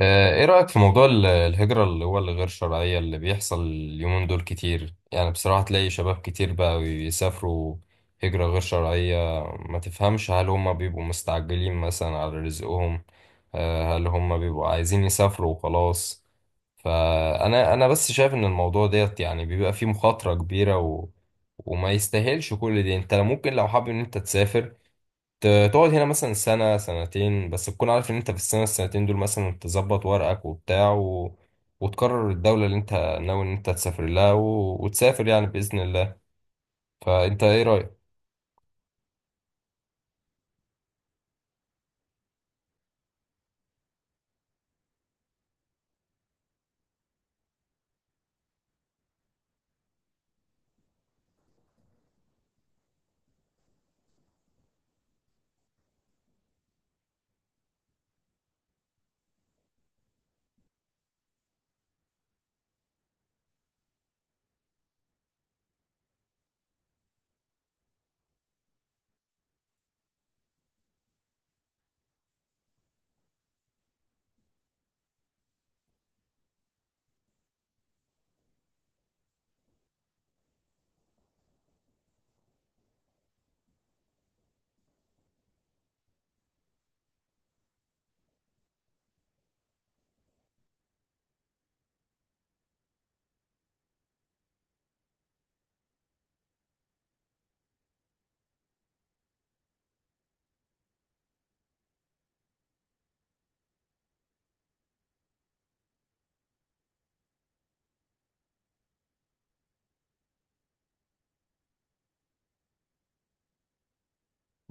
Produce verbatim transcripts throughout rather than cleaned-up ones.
آه، ايه رأيك في موضوع ال- الهجرة اللي هو الغير شرعية اللي بيحصل اليومين دول كتير؟ يعني بصراحة تلاقي شباب كتير بقى يسافروا هجرة غير شرعية. ما تفهمش، هل هم بيبقوا مستعجلين مثلا على رزقهم؟ آه، هل هم بيبقوا عايزين يسافروا وخلاص؟ فأنا أنا بس شايف إن الموضوع ديت يعني بيبقى فيه مخاطرة كبيرة و... وما يستاهلش كل دي. انت ممكن لو حابب ان انت تسافر، ت- تقعد هنا مثلا سنة سنتين، بس تكون عارف ان انت في السنة السنتين دول مثلا تظبط ورقك وبتاع و... وتقرر الدولة اللي انت ناوي ان انت تسافر لها و... وتسافر يعني بإذن الله. فانت ايه رأيك؟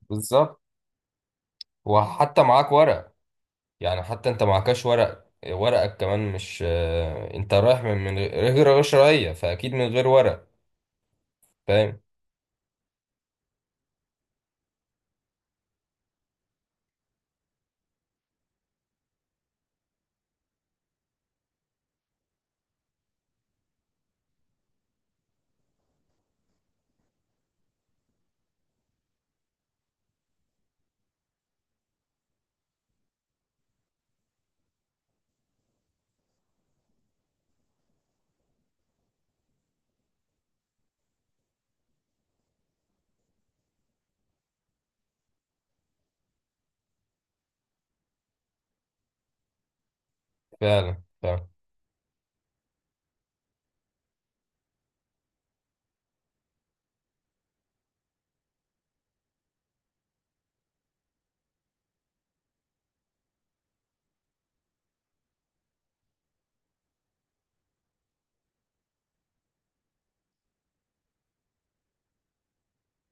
بالظبط، وحتى معاك ورق. يعني حتى انت معكش ورق، ورقك كمان مش آه، انت رايح من من غير غير شرعية، فأكيد من غير ورق. فاهم؟ فعلا.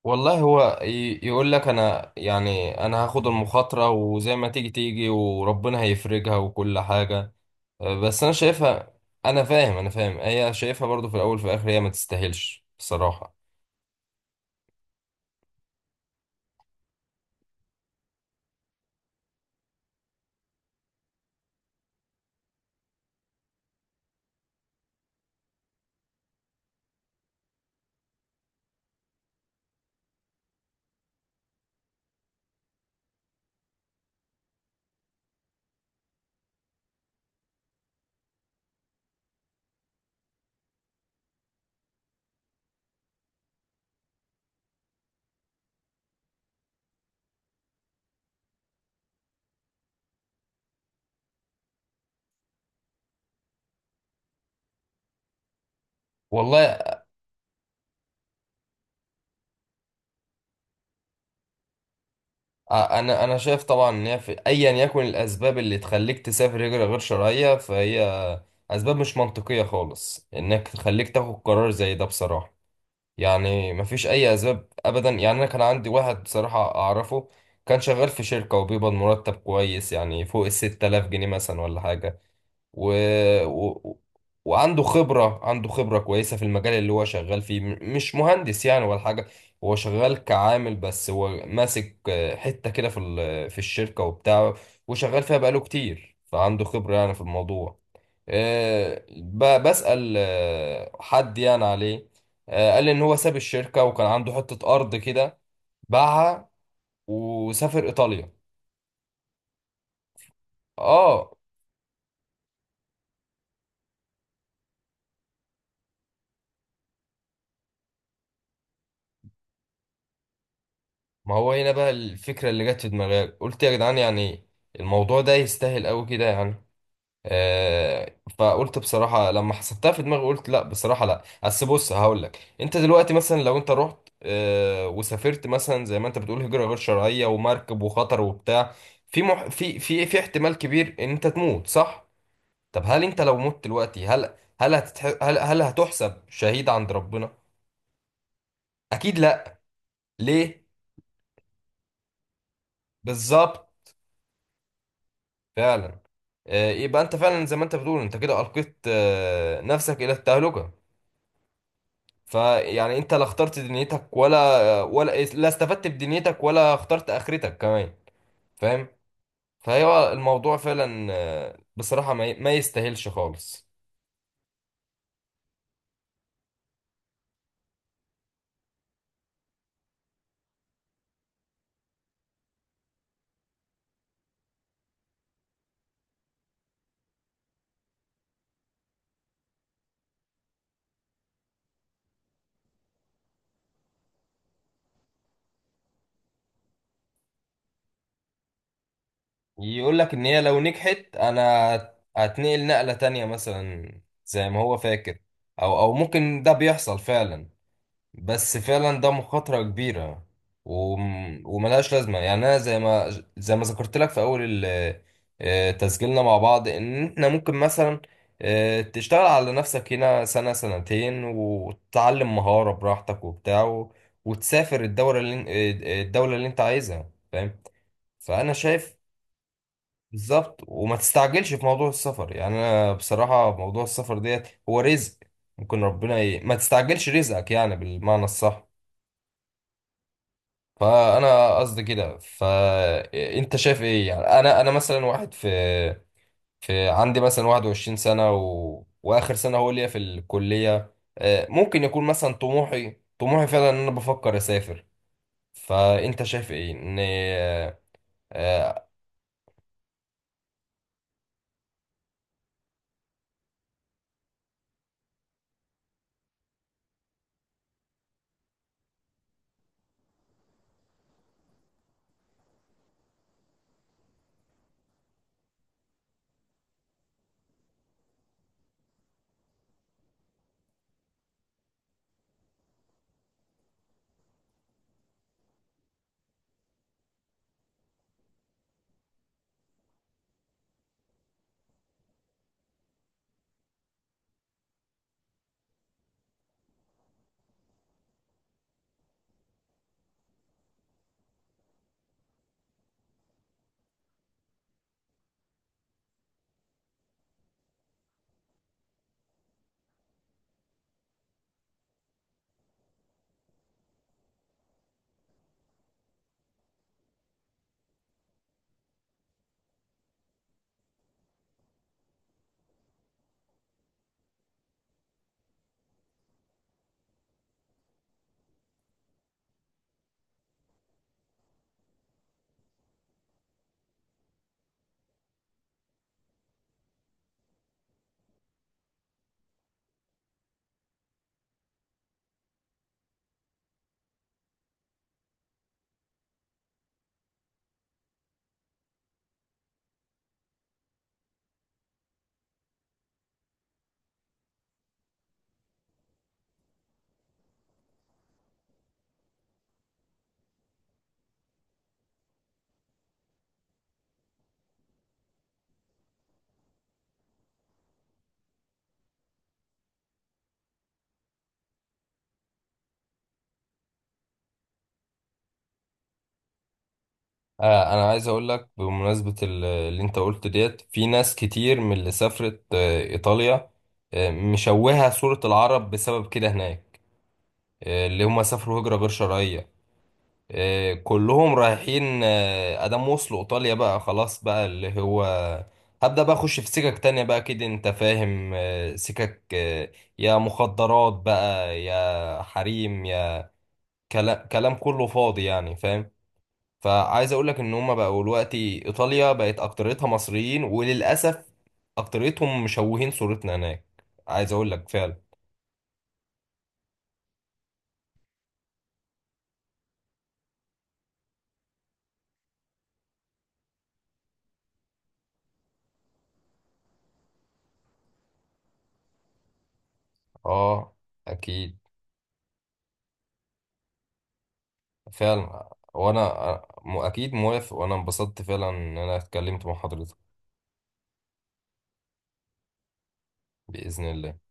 والله هو ي- يقول لك انا، يعني انا هاخد المخاطرة وزي ما تيجي تيجي وربنا هيفرجها وكل حاجة. أه، بس انا شايفها. انا فاهم انا فاهم هي شايفها برضو، في الاول في الاخر هي ما تستاهلش بصراحة. والله أ- انا انا شايف طبعا ان هي في ايا يكن الاسباب اللي تخليك تسافر هجرة غير شرعية، فهي اسباب مش منطقية خالص انك تخليك تاخد قرار زي ده بصراحة. يعني مفيش اي اسباب ابدا. يعني انا كان عندي واحد بصراحة اعرفه، كان شغال في شركة وبيقبض مرتب كويس يعني فوق الستة آلاف جنيه مثلا ولا حاجة و... و... وعنده خبرة عنده خبرة كويسة في المجال اللي هو شغال فيه، م- مش مهندس يعني ولا حاجة. هو شغال كعامل، بس هو ماسك آه، حتة كده في ال... في الشركة وبتاعه، وشغال فيها بقاله كتير، فعنده خبرة يعني في الموضوع. آه، ب- بسأل آه، حد يعني عليه، آه، قال لي ان هو ساب الشركة وكان عنده حتة ارض كده، باعها وسافر ايطاليا. اه، ما هو هنا بقى الفكرة اللي جت في دماغي، قلت يا جدعان يعني الموضوع ده يستاهل قوي كده يعني؟ آه، فقلت بصراحة لما حسبتها في دماغي قلت لا، بصراحة لا. اصل بص هقول لك، انت دلوقتي مثلا لو انت رحت آه، وسافرت مثلا زي ما انت بتقول هجرة غير شرعية ومركب وخطر وبتاع، في مح... في في في احتمال كبير ان انت تموت، صح؟ طب هل انت لو مت دلوقتي، هل هل هتتح... هل هل هتحسب شهيد عند ربنا؟ اكيد لا. ليه؟ بالظبط. فعلا. آه، يبقى انت فعلا زي ما انت بتقول، انت كده القيت آه، نفسك الى التهلكة. فيعني انت لا اخترت دنيتك ولا ولا لا استفدت بدنيتك، ولا اخترت اخرتك كمان. فاهم؟ فهو الموضوع فعلا آه، بصراحة ما ما يستاهلش خالص. يقول لك ان هي لو نجحت، انا هت- هتنقل نقلة تانية مثلا، زي ما هو فاكر، او او ممكن ده بيحصل فعلا، بس فعلا ده مخاطرة كبيرة و... وملهاش لازمة. يعني أنا زي ما زي ما ذكرت لك في أول ال- آه، تسجيلنا مع بعض إن إحنا ممكن مثلا آه، تشتغل على نفسك هنا سنة سنتين وتتعلم مهارة براحتك وبتاع و... وتسافر الدورة اللي... آه، آه، الدولة اللي أنت عايزها. فاهم؟ فأنا شايف. بالظبط، وما تستعجلش في موضوع السفر. يعني أنا بصراحة موضوع السفر ديت هو رزق، ممكن ربنا ي... ما تستعجلش رزقك يعني بالمعنى الصح. فانا قصدي كده، فانت شايف ايه؟ يعني انا انا مثلا واحد في في عندي مثلا واحد وعشرين سنة سنه و... واخر سنه هو ليا في الكليه، آه، ممكن يكون مثلا طموحي طموحي فعلا ان انا بفكر اسافر. فانت شايف ايه ان آه، آه، آه، انا عايز اقول لك بمناسبه ال- اللي انت قلت ديت، في ناس كتير من اللي سافرت آه، ايطاليا آه، مشوهه صوره العرب بسبب كده هناك، آه، اللي هم سافروا هجره غير شرعيه. آه، كلهم رايحين آه، ادام وصلوا ايطاليا بقى خلاص بقى اللي هو هبدأ بقى اخش في سكك تانية بقى كده، انت فاهم؟ آه، سكك آه، يا مخدرات بقى، يا حريم، يا كلام كلام كله فاضي يعني. فاهم؟ فعايز اقول لك ان هما بقوا دلوقتي، ايطاليا بقت اكتريتها مصريين وللاسف اكتريتهم مشوهين صورتنا هناك. عايز اقول لك فعلا. اه. اكيد. فعلا، وانا أنا- م- اكيد موافق، وانا انبسطت فعلا ان انا اتكلمت مع حضرتك. باذن الله.